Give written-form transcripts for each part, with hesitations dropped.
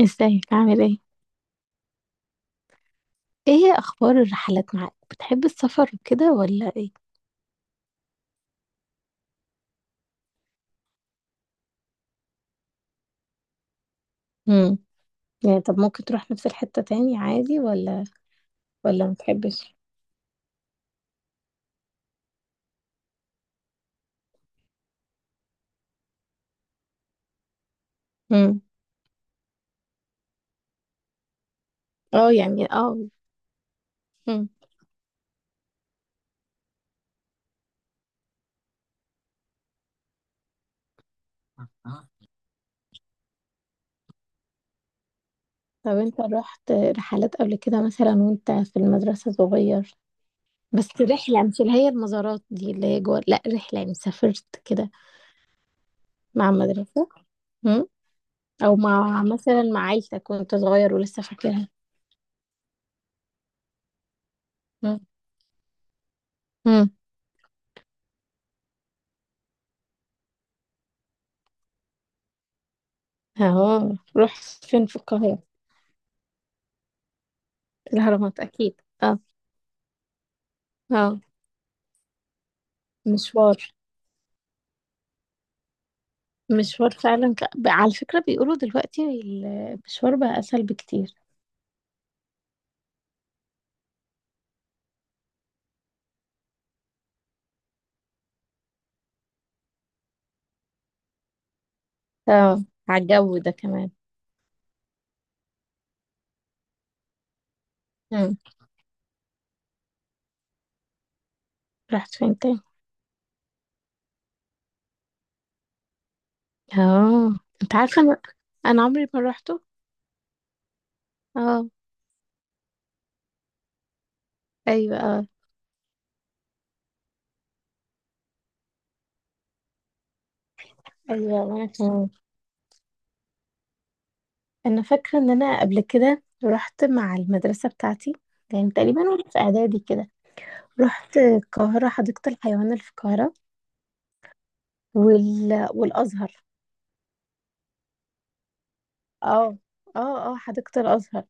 ازيك؟ عامل ايه؟ ايه اخبار الرحلات معاك؟ بتحب السفر وكده ولا ايه؟ امم يعني طب ممكن تروح نفس الحتة تاني عادي ولا ما تحبش؟ امم. اه يعني اه. امم. آه. طب انت رحت رحلات قبل كده مثلا وانت في المدرسة صغير؟ بس رحلة مش اللي هي المزارات دي اللي هي جوه، لا رحلة يعني سافرت كده مع المدرسة. امم. او مع مثلا مع عيلتك وانت صغير ولسه فاكرها؟ امم. امم اهو، رحت فين في القاهرة؟ الأهرامات أكيد، اه. اه، مشوار. مشوار فعلا، على فكرة بيقولوا دلوقتي المشوار بقى أسهل بكتير. اه، على الجو ده كمان. مم. رحت فين تاني؟ اه، انت عارفة انا عمري ما روحته. اه. ايوه، اه. ايوه وانا كمان. انا فاكرة ان انا قبل كده رحت مع المدرسة بتاعتي، يعني تقريبا وانا في اعدادي كده. رحت القاهرة حديقة الحيوان اللي في القاهرة والازهر. اه. اه، اه، حديقة الازهر.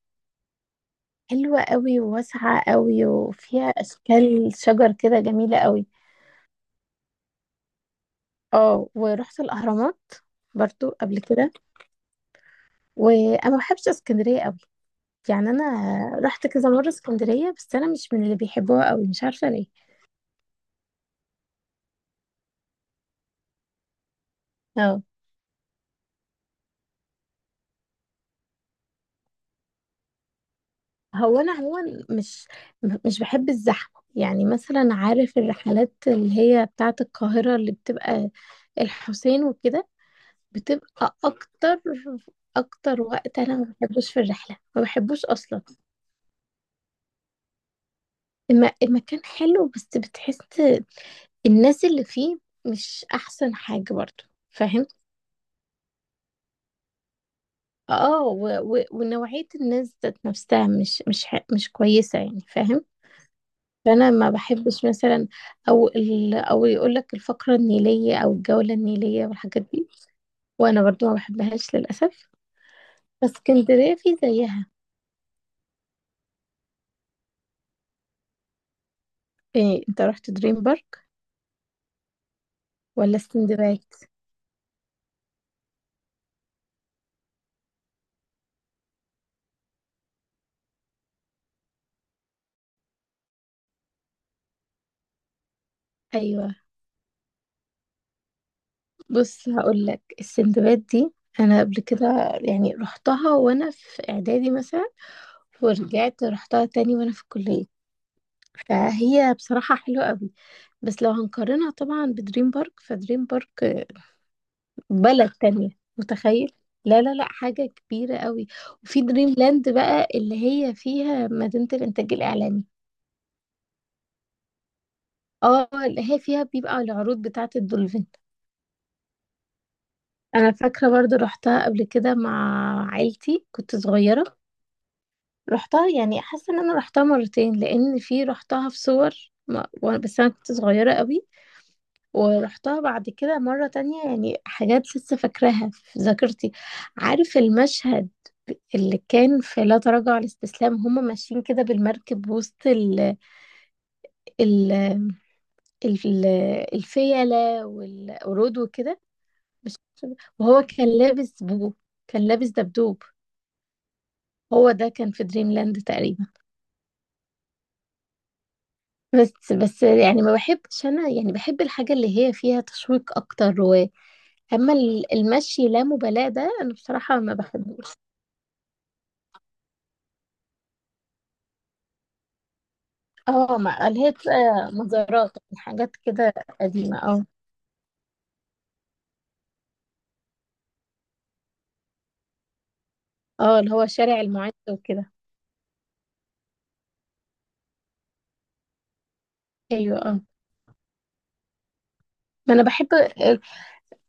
حلوة قوي وواسعة قوي وفيها أشكال شجر كده جميلة قوي. اه، ورحت الأهرامات برضو قبل كده. وأنا ما بحبش اسكندرية قوي، يعني أنا رحت كذا مرة اسكندرية بس أنا مش من اللي بيحبوها قوي، مش عارفة ليه. اه. هو أنا عموما مش مش بحب الزحمة، يعني مثلا عارف الرحلات اللي هي بتاعة القاهرة اللي بتبقى الحسين وكده، بتبقى أكتر وقت أنا ما بحبوش في الرحلة، ما بحبوش أصلا. المكان حلو بس بتحس الناس اللي فيه مش احسن حاجة برضو، فاهم؟ اه، ونوعية الناس ذات نفسها مش كويسة يعني، فاهم؟ فانا ما بحبش مثلا، او يقول لك الفقرة النيلية او الجولة النيلية والحاجات دي. وانا برضو ما بحبهاش للاسف، بس اسكندرية في زيها. إيه، انت رحت دريم بارك ولا استندباد؟ ايوه، بص هقول لك، السندباد دي انا قبل كده، يعني رحتها وانا في اعدادي مثلا، ورجعت رحتها تاني وانا في الكليه، فهي بصراحه حلوه قوي. بس لو هنقارنها طبعا بدريم بارك، فدريم بارك بلد تانية. متخيل؟ لا لا لا، حاجه كبيره قوي. وفي دريم لاند بقى اللي هي فيها مدينه الانتاج الاعلامي. اه، اللي هي فيها بيبقى العروض بتاعه الدولفين. انا فاكره برضو رحتها قبل كده مع عيلتي، كنت صغيره. رحتها يعني، حاسه ان انا رحتها مرتين لان في رحتها في صور. بس انا كنت صغيره قوي. ورحتها بعد كده مره تانية، يعني حاجات لسه فاكراها في ذاكرتي. عارف المشهد اللي كان في لا تراجع على الاستسلام، هما ماشيين كده بالمركب وسط ال ال ال الفيلة والقرود وكده، وهو كان لابس دبدوب. هو ده كان في دريم لاند تقريبا. بس يعني ما بحبش انا، يعني بحب الحاجة اللي هي فيها تشويق اكتر. و اما المشي لا مبالاة ده انا بصراحة ما بحبوش. اه، ما اللي هي بتبقى مزارات حاجات كده قديمة، اه. اه، اللي هو شارع المعز وكده. ايوه، اه. ما انا بحب،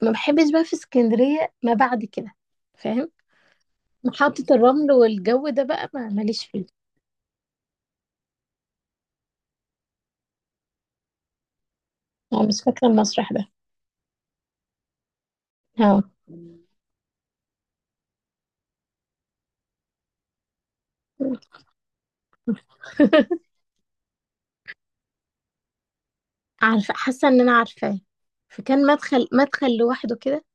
ما بحبش بقى في اسكندرية ما بعد كده، فاهم؟ محطة الرمل والجو ده بقى ما ماليش فيه. انا مش فاكرة المسرح ده. اه. عارفة، حاسة ان انا عارفاه، فكان مدخل لوحده كده،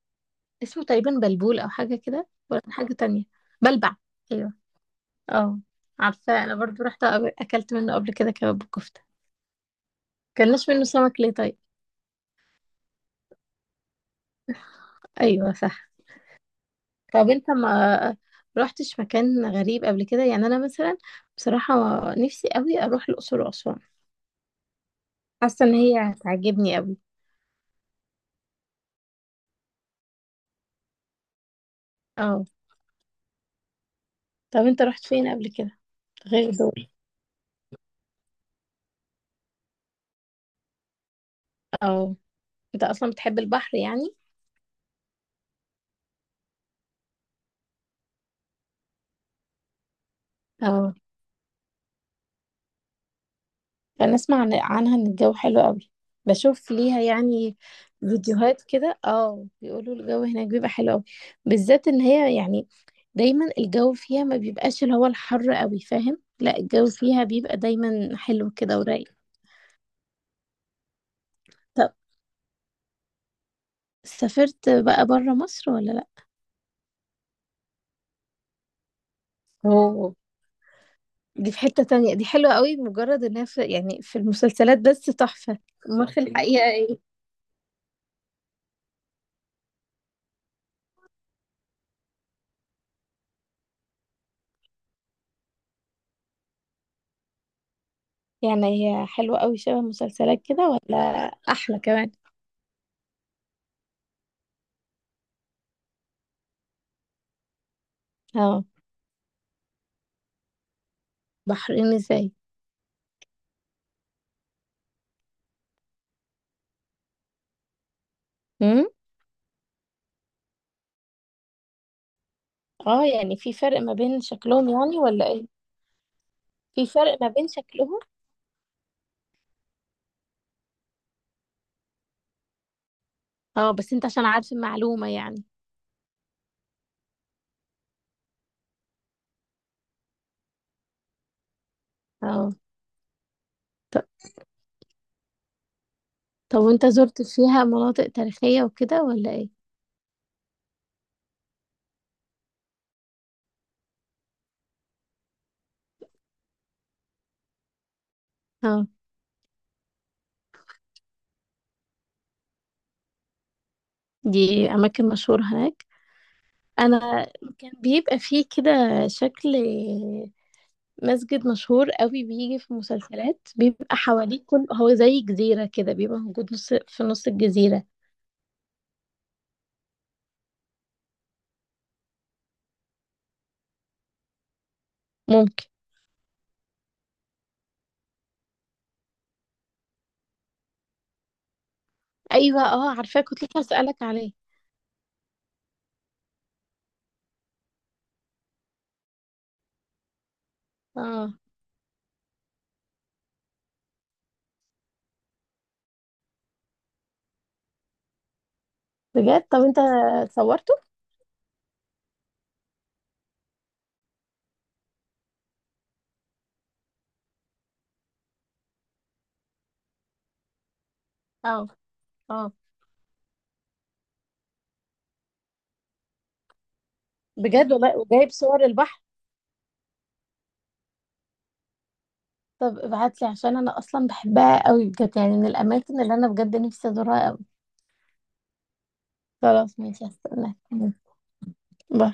اسمه تقريبا بلبول او حاجه كده، ولا كان حاجه تانية؟ بلبع. ايوه. اه، عارفه انا برضو رحت اكلت منه قبل كده كباب وكفته. كلناش منه سمك ليه طيب؟ ايوه، صح. طب انت ما رحتش مكان غريب قبل كده؟ يعني انا مثلا بصراحه نفسي قوي اروح الاقصر واسوان، حاسه ان هي هتعجبني قوي. اه. طب انت رحت فين قبل كده غير دول؟ اه، انت اصلا بتحب البحر يعني؟ اه. انا اسمع عنها ان الجو حلو قوي، بشوف ليها يعني فيديوهات كده، اه، بيقولوا الجو هناك بيبقى حلو قوي، بالذات ان هي يعني دايما الجو فيها ما بيبقاش اللي هو الحر قوي، فاهم؟ لا الجو فيها بيبقى دايما حلو كده ورايق. طب سافرت بقى بره مصر ولا لا؟ اوه، دي في حتة تانية، دي حلوة قوي مجرد انها في يعني في المسلسلات، بس تحفة. امال في الحقيقة ايه؟ يعني هي حلوة قوي شبه مسلسلات كده، ولا احلى كمان؟ اه، بحرين ازاي؟ امم. اه، يعني في فرق ما بين شكلهم يعني ولا ايه؟ في فرق ما بين شكلهم. اه، بس انت عشان عارف المعلومة يعني. اه، ط- طب وانت زرت فيها مناطق تاريخية وكده ولا ايه؟ اه، دي اماكن مشهورة هناك؟ انا كان بيبقى فيه كده شكل مسجد مشهور قوي بيجي في مسلسلات، بيبقى حواليه كل هو زي جزيرة كده، بيبقى موجود نص في نص الجزيرة. ممكن. ايوه، اه، عارفاه كنت لسه هسألك عليه. اه، بجد؟ طب انت صورته؟ اه. اه، بجد والله؟ وجايب صور البحر؟ طب ابعتلي عشان انا اصلا بحبها قوي بجد، يعني من الاماكن اللي انا بجد نفسي ازورها قوي. خلاص، ماشي، هستناك. باي.